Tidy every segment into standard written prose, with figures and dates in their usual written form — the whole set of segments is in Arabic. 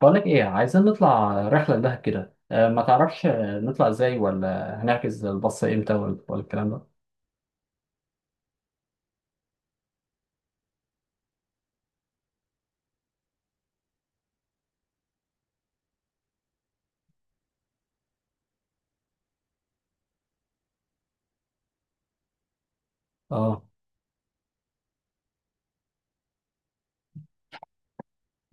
بقولك ايه عايزين نطلع رحلة لدهب كده ما تعرفش، نطلع ازاي ولا هنحجز الباص امتى ولا الكلام ده. اه،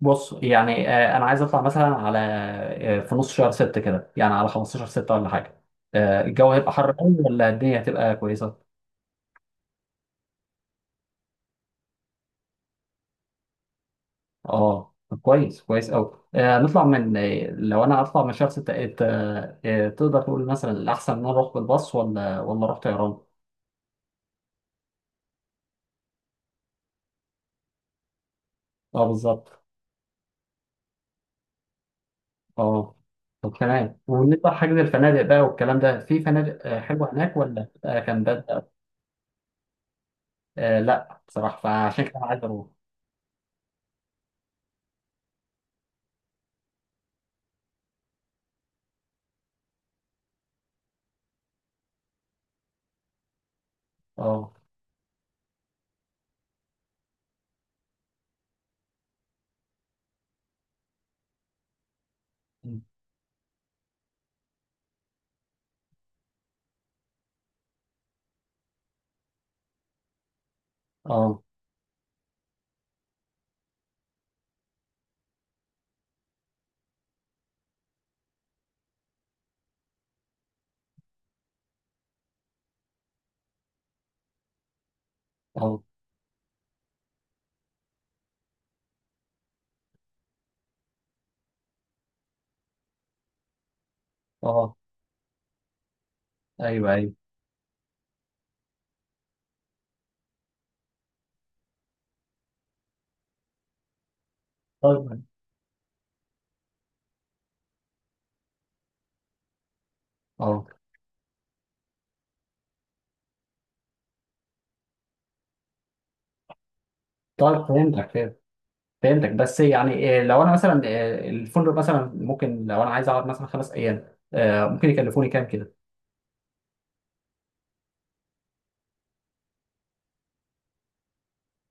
بص يعني انا عايز اطلع مثلا على آه، في نص شهر ستة كده، يعني على 15 ستة ولا حاجة. الجو هيبقى حر قوي ولا الدنيا هتبقى كويسة؟ اه، طب كويس، كويس قوي. نطلع من آه، لو انا هطلع من شهر ستة، تقدر تقول مثلا الاحسن ان انا اروح بالباص ولا اروح طيران؟ اه، بالظبط. اه، طب تمام. وبالنسبة لحجز الفنادق بقى والكلام ده، في فنادق حلوة هناك ولا بتبقى كامبات بقى؟ آه، لا بصراحة، فعشان كده أنا عايز أروح. اه. اه. اه. اه. ايوه، ايوه. طيب. اه. طيب، فهمتك. بس يعني لو انا مثلا، الفندق مثلا ممكن لو انا عايز اقعد مثلا خمس ايام، ممكن يكلفوني كام كده؟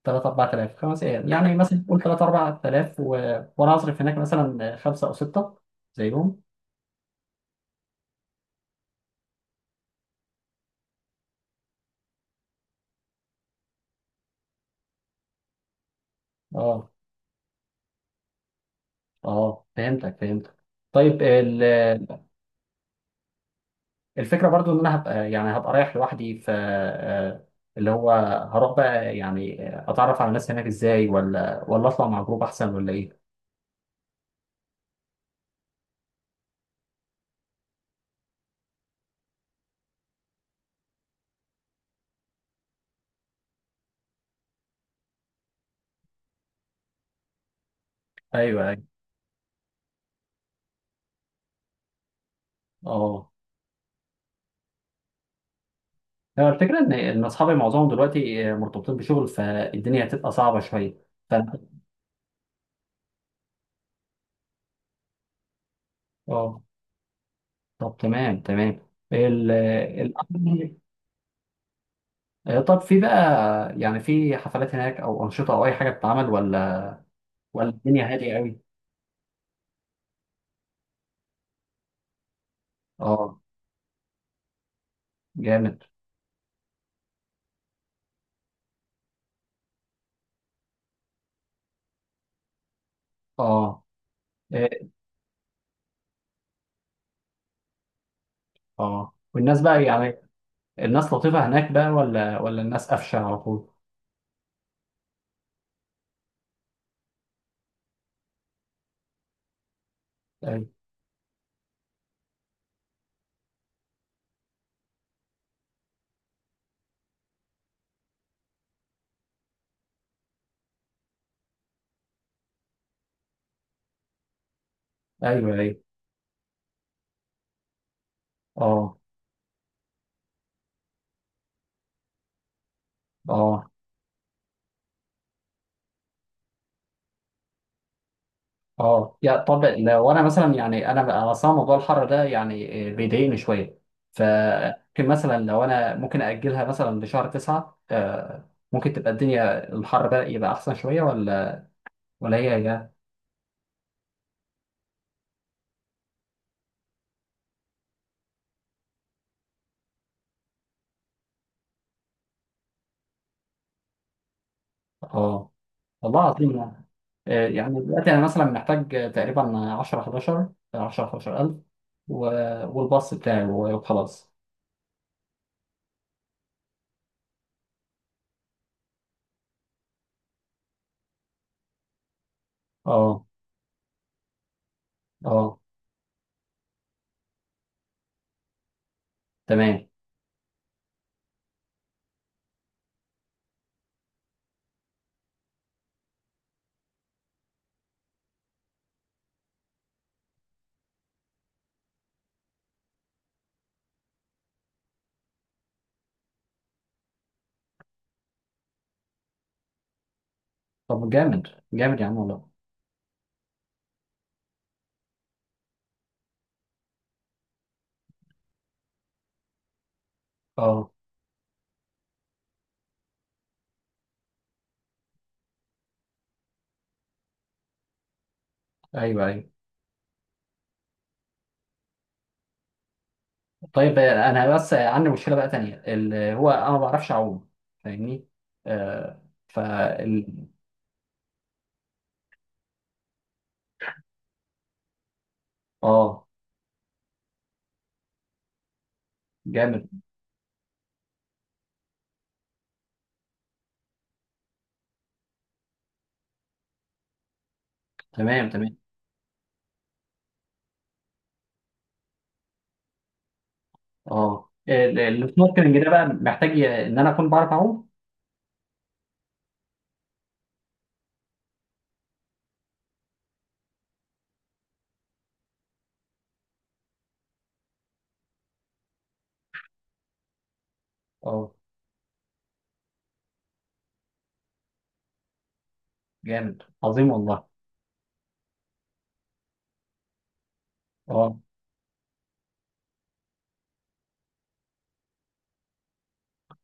3 4000 خمس ايام، يعني مثلا قول 3 4000 وانا هصرف هناك مثلا خمسه او سته زيهم. اه، اه، فهمتك، فهمتك. طيب، الفكره برضو ان انا هبقى، يعني هبقى رايح لوحدي، ف، اللي هو هروح بقى يعني، اتعرف على الناس هناك ازاي ولا اطلع مع جروب احسن ولا ايه؟ ايوه، ايوه. اه، هو الفكره ان اصحابي معظمهم دلوقتي مرتبطين بشغل، فالدنيا هتبقى صعبه شويه. ف. اه، طب تمام، تمام. طب في بقى، يعني في حفلات هناك او انشطه او اي حاجه بتتعمل، ولا ولا الدنيا هاديه قوي؟ اه، جامد. اه، إيه. اه، والناس بقى يعني، الناس لطيفة هناك بقى ولا الناس قفشة على طول؟ ايوه، ايوه. ايوه. اه، اه، اه. يا طب لو انا مثلا، يعني انا اصلا موضوع الحر ده يعني بيضايقني شوية، فممكن مثلا لو انا ممكن اجلها مثلا لشهر تسعة، ممكن تبقى الدنيا، الحر بقى يبقى احسن شوية، ولا ولا هي هي؟ اه، والله العظيم يعني. يعني دلوقتي انا مثلا محتاج تقريبا 10 11، 10 11000 و... والباص بتاعي وخلاص. اه، اه، تمام. طب جامد، جامد يا عم والله. اه، ايوه، ايوه. طيب انا بس عندي مشكله بقى تانية، اللي هو انا ما بعرفش اعوم، فاهمني. آه. ف ال- اه، جامد، تمام، تمام. اه، السنوركلينج ده بقى محتاج ان انا اكون بعرف اعوم؟ اه، جامد، عظيم والله. اه،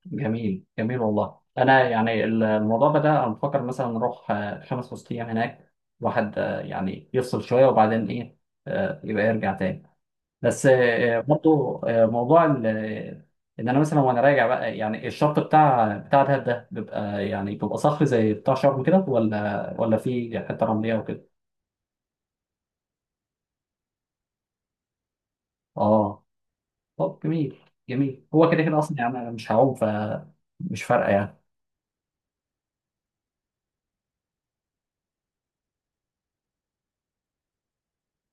جميل، جميل والله. انا يعني الموضوع بدأ، انا بفكر مثلا نروح خمس وست ايام هناك، واحد يعني يفصل شويه، وبعدين ايه، يبقى يرجع تاني. بس برضو موضوع ان انا مثلا وانا راجع بقى، يعني الشط بتاع دهب ده بيبقى، يعني بيبقى صخري زي بتاع شرم كده، ولا في حته رمليه وكده؟ اه، طب جميل، جميل. هو كده كده اصلا، يعني انا مش هعوم، فمش فارقه يعني.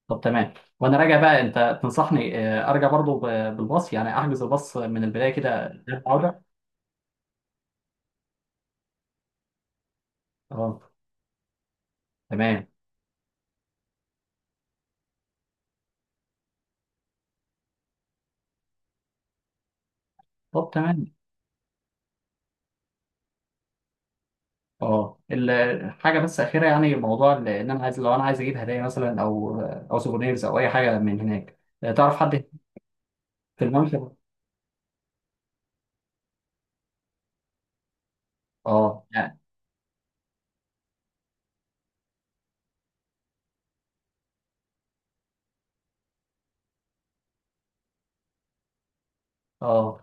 طب تمام. وانا راجع بقى انت تنصحني ارجع برضو بالباص، يعني احجز الباص من البدايه كده؟ عوده. اه، تمام. طب تمام. اه، الحاجه بس اخيره، يعني موضوع ان انا عايز، لو انا عايز اجيب هدايا مثلا، او او سوفونيرز او اي حاجه من هناك، تعرف حد؟ في الممشى. اه، يعني. اه،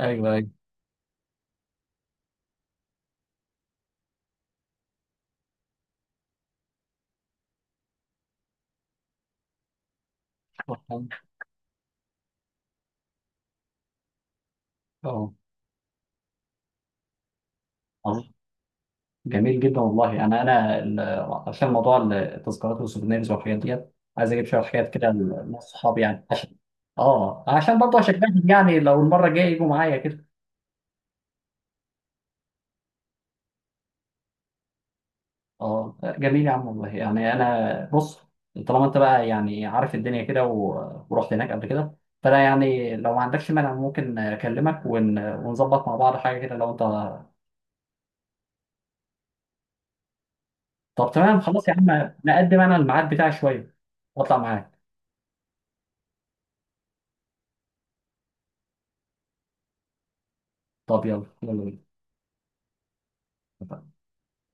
ايوه، ايوه. اه. آه. جميل جدا والله. انا عشان موضوع التذكارات والسوفينيرز والحاجات ديت، عايز اجيب شويه حاجات كده لناس صحابي، يعني عشان. اه، عشان برضه اشجعهم، يعني لو المره الجايه يجوا معايا كده. اه، جميل يا عم والله. يعني انا بص، طالما انت بقى يعني عارف الدنيا كده، ورحت هناك قبل كده، فانا يعني لو ما عندكش مانع، ممكن اكلمك ونظبط مع بعض حاجه كده لو انت. طب تمام، خلاص يا عم، نقدم انا الميعاد بتاعي شويه واطلع معاك. طب يلا، يلا بينا.